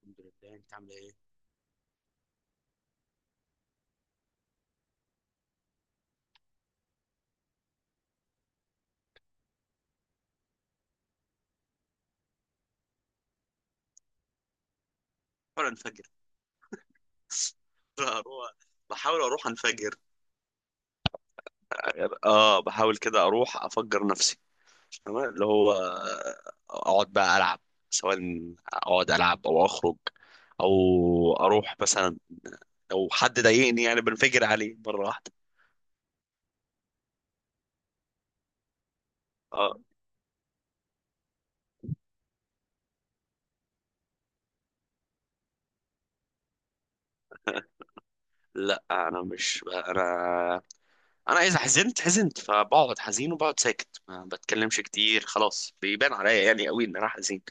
الحمد لله، انت عامله ايه؟ بحاول انفجر. بروح. بحاول اروح انفجر. اه، بحاول كده اروح افجر نفسي. تمام، اللي هو اقعد بقى العب، سواء اقعد العب او اخرج، او اروح مثلا لو حد ضايقني يعني بنفجر عليه مره واحده. اه. لا، انا مش انا. انا اذا حزنت حزنت، فبقعد حزين وبقعد ساكت، ما بتكلمش كتير، خلاص بيبان عليا يعني قوي ان انا حزين.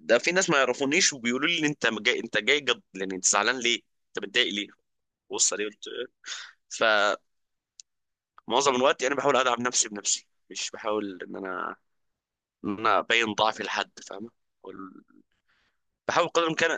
ده في ناس ما يعرفونيش وبيقولوا لي انت جاي انت جاي جد، يعني انت زعلان ليه؟ انت متضايق ليه؟ بص عليه قلت. فمعظم الوقت يعني بحاول ادعم نفسي بنفسي، مش بحاول ان انا ان انا ابين ضعفي لحد، فاهمه. وال- بحاول قدر الامكان.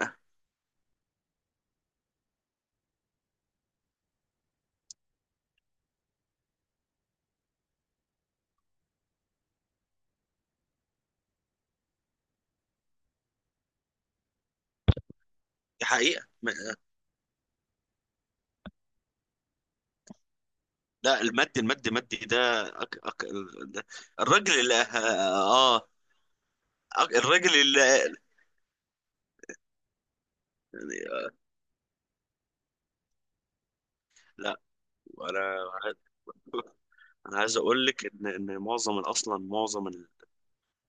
دي حقيقه لا، المد ده، ده الراجل اللي اه الراجل اللي يعني، آه، لا. انا انا عايز اقول لك ان معظم، اصلا معظم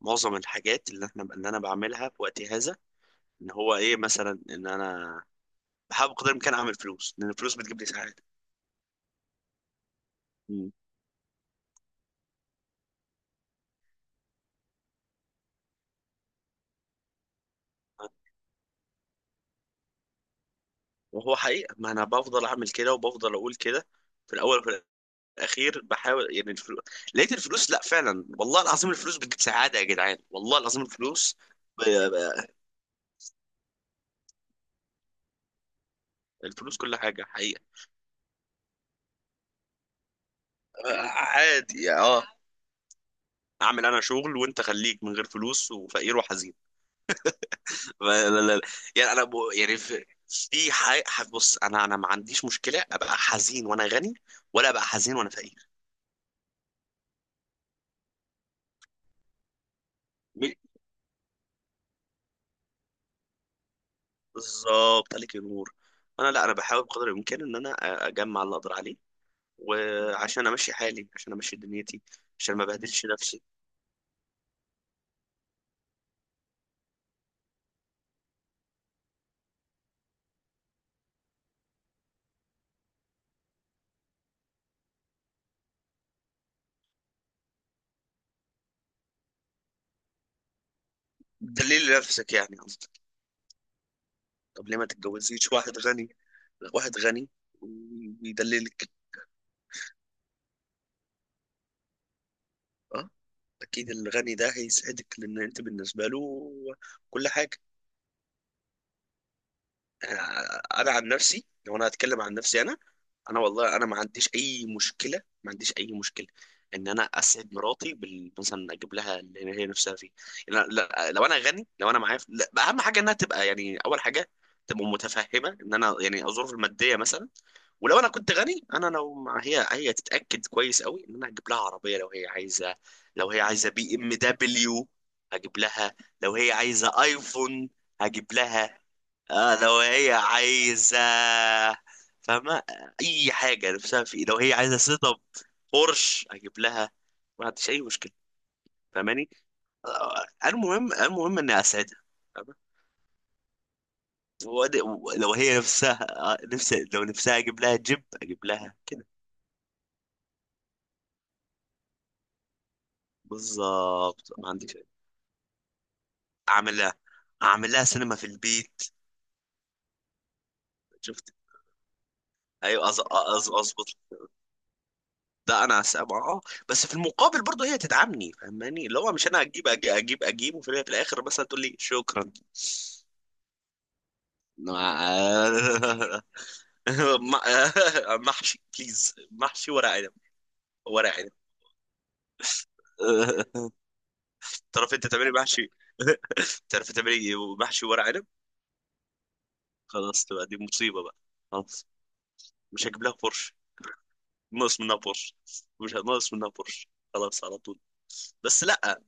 معظم الحاجات اللي انا بعملها في وقتي هذا، ان هو ايه مثلا ان انا بحاول بقدر الامكان اعمل فلوس، لان الفلوس بتجيب لي سعاده. مم. وهو حقيقه ما انا بفضل اعمل كده وبفضل اقول كده، في الاول وفي الاخير بحاول يعني الفلوس. لقيت الفلوس، لا فعلا، والله العظيم الفلوس بتجيب سعاده يا جدعان، والله العظيم الفلوس. ب- ب- الفلوس كل حاجه حقيقه. آه، عادي، اه. اعمل انا شغل وانت خليك من غير فلوس وفقير وحزين. لا، لا، لا. يعني انا يعني، في بص، انا ما عنديش مشكله ابقى حزين وانا غني، ولا ابقى حزين وانا فقير. مي- بالظبط، عليك النور. انا لا انا بحاول بقدر الامكان ان انا اجمع اللي اقدر عليه، وعشان امشي حالي، عشان امشي دنيتي، عشان ما بهدلش نفسي. دليل نفسك يعني، قصدي. طب ليه ما تتجوزيش واحد غني؟ لا، واحد غني ويدللك. اه، اكيد الغني ده هيسعدك، لان انت بالنسبه له كل حاجه. آه، انا عن نفسي، لو انا هتكلم عن نفسي، انا انا والله انا ما عنديش اي مشكله، ما عنديش اي مشكله ان انا اسعد مراتي مثلا اجيب لها اللي هي نفسها فيه. لا، لا، لو انا غني، لو انا معايا لا، بقى اهم حاجه انها تبقى، يعني اول حاجه، تبقى متفهمه ان انا يعني الظروف الماديه مثلا. ولو انا كنت غني، انا هي تتاكد كويس قوي ان انا هجيب لها عربيه لو هي عايزه. لو هي عايزه بي ام دبليو هجيب لها. لو هي عايزه ايفون هجيب لها. آه، لو هي عايزة، فاهمة، أي حاجة نفسها في. لو هي عايزة سيت أب بورش أجيب لها، ما عنديش أي مشكلة، فاهماني. آه، المهم إني أسعدها، فاهمة؟ لو هي نفسها، لو نفسها، أجيب لها جيب، أجيب لها كده. بالظبط، ما عنديش. أعمل لها أعمل لها سينما في البيت، شفت. أيوة، أظبط. ده انا بس في المقابل برضه هي تدعمني، فاهماني، اللي هو مش انا اجيب اجيب اجيب، أجيب وفي الاخر مثلا تقول لي شكرا. مع- مع- محشي، بليز، محشي ورق عنب. ورق عنب. تعرف انت تعملي محشي؟ تعرف تعملي محشي ورق عنب؟ خلاص، تبقى دي مصيبة بقى، خلاص. مش هجيب لها بورش، ناقص منها بورش، مش ناقص منها بورش، خلاص، على طول. بس لا،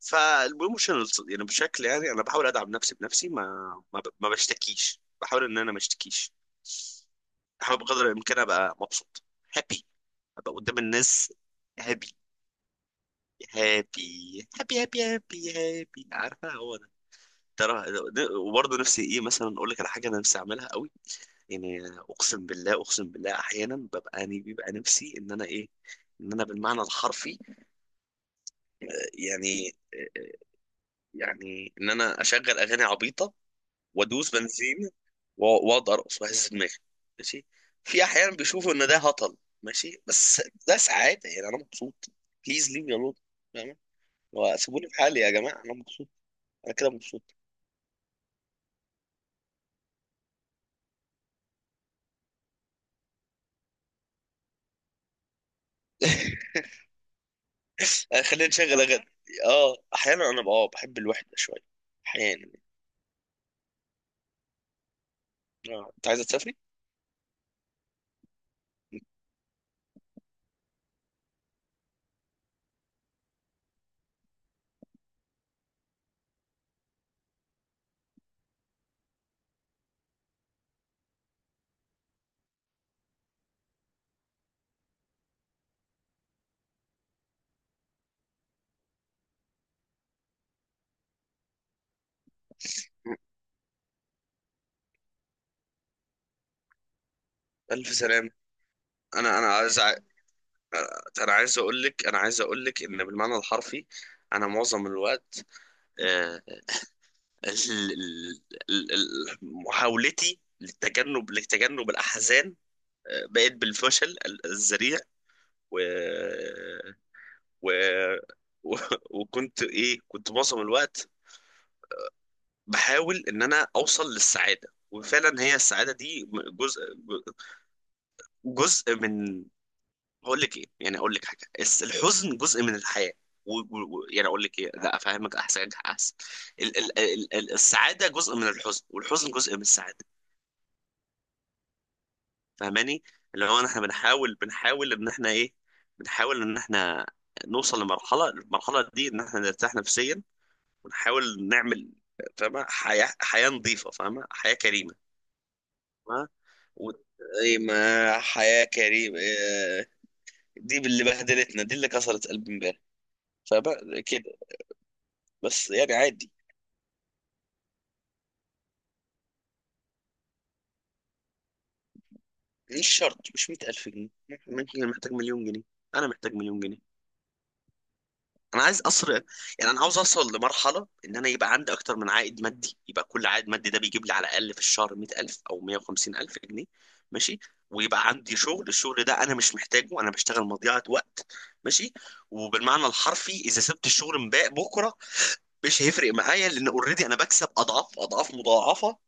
فالبروموشنال يعني بشكل يعني انا بحاول ادعم نفسي بنفسي، ما بشتكيش، بحاول ان انا ما اشتكيش، بحاول بقدر الامكان ابقى مبسوط، هابي، ابقى قدام الناس هابي، هابي، هابي، هابي، هابي، هابي، عارفه هو ده، ترى. وبرضه نفسي ايه مثلا، اقول لك على حاجه انا نفسي اعملها قوي، يعني، اقسم بالله، اقسم بالله، احيانا ببقى، يعني بيبقى نفسي ان انا ايه، ان انا بالمعنى الحرفي يعني يعني ان انا اشغل اغاني عبيطه وادوس بنزين، و- واقعد ارقص واهز دماغي، ماشي، في احيانا بيشوفوا ان ده هطل، ماشي، بس ده سعاده، يعني انا مبسوط، بليز ليف مي الون، فاهم، وسيبوني في حالي يا جماعه، انا مبسوط، انا كده مبسوط. خلينا نشغل اغاني. اه، احيانا انا بقى بحب الوحده شويه، احيانا. اه، انت عايزه تسافري؟ ألف سلام. أنا أنا عايز أ- أنا عايز أقول لك أنا عايز أقول لك إن بالمعنى الحرفي أنا معظم الوقت، آه، ال- محاولتي لتجنب الأحزان، بقت بالفشل الذريع. و... و... و... وكنت إيه كنت معظم الوقت بحاول إن أنا أوصل للسعادة، وفعلا هي السعادة دي جزء جزء من، هقول لك إيه يعني، أقول لك حاجة، الحزن جزء من الحياة، و... و... يعني أقول لك إيه، لا، أفهمك أحسن، أحسن السعادة جزء من الحزن، والحزن جزء من السعادة، فاهماني، اللي هو احنا بنحاول، ان احنا ايه، بنحاول ان احنا نوصل لمرحله، المرحله دي ان احنا نرتاح نفسيا، ونحاول نعمل، فاهمه، حياه نظيفه، فاهمه، حياه كريمه، فاهمه. و... ايه ما حياه كريمه إيه، دي اللي بهدلتنا، دي اللي كسرت قلبي امبارح، فبقى كده، بس يعني عادي. مش شرط، مش 100,000 جنيه، ممكن محتاج مليون جنيه، انا محتاج مليون جنيه، انا عايز اصل يعني انا عاوز اوصل لمرحله ان انا يبقى عندي اكتر من عائد مادي، يبقى كل عائد مادي ده بيجيب لي على الاقل في الشهر 100,000 او 150,000 جنيه، ماشي، ويبقى عندي شغل، الشغل ده انا مش محتاجه، انا بشتغل مضيعه وقت، ماشي، وبالمعنى الحرفي اذا سبت الشغل امبارح بكره مش هيفرق معايا، لان اوريدي انا بكسب اضعاف اضعاف مضاعفه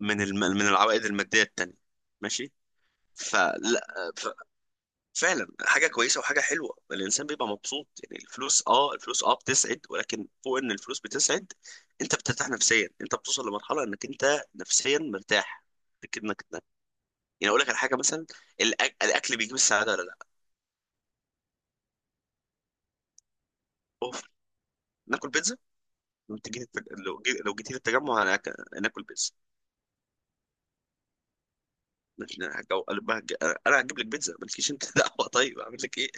من العوائد الماديه التانيه، ماشي. فلا، فعلا حاجه كويسه وحاجه حلوه، الانسان بيبقى مبسوط، يعني الفلوس بتسعد، ولكن فوق ان الفلوس بتسعد، انت بترتاح نفسيا، انت بتوصل لمرحله انك انت نفسيا مرتاح، لكنك انك، يعني اقول لك على حاجه مثلا، الاكل بيجيب السعاده ولا لا؟ اوف، ناكل بيتزا، لو تجي، لو جيتي للتجمع، انا ناكل بيتزا، مش- انا هجو- هج- أنا هجيب لك بيتزا مالكيش انت، دعوه، طيب اعمل لك ايه؟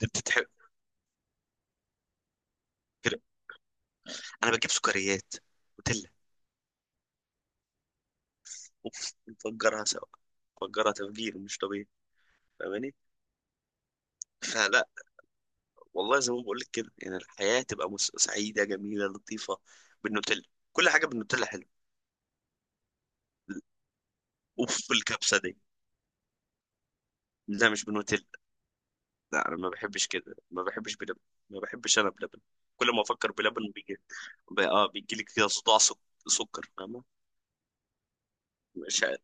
بتتحب كده. انا بجيب سكريات، نوتيلا، اوف، نفجرها سوا، نفجرها تفجير مش طبيعي، فاهماني. فلا، والله زي ما بقول لك كده، يعني الحياه تبقى سعيده، جميله، لطيفه، بالنوتيلا، كل حاجه بالنوتيلا حلوه. اوف، الكبسه دي، لا، مش بالنوتيلا. لا، انا ما بحبش كده، ما بحبش بلبن، ما بحبش انا بلبن، كل ما افكر بلبن بيجي، بيجي لي كده صداع، سكر، فاهمه. مش عارف.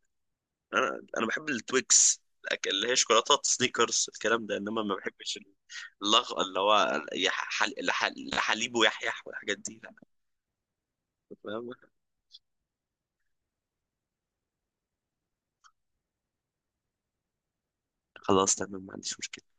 انا بحب التويكس، اللي هي شوكولاتات سنيكرز الكلام ده، انما ما بحبش اللي هو لحليب ويحيح والحاجات دي، لا، فاهمه. خلاص، تمام، ما عنديش مشكله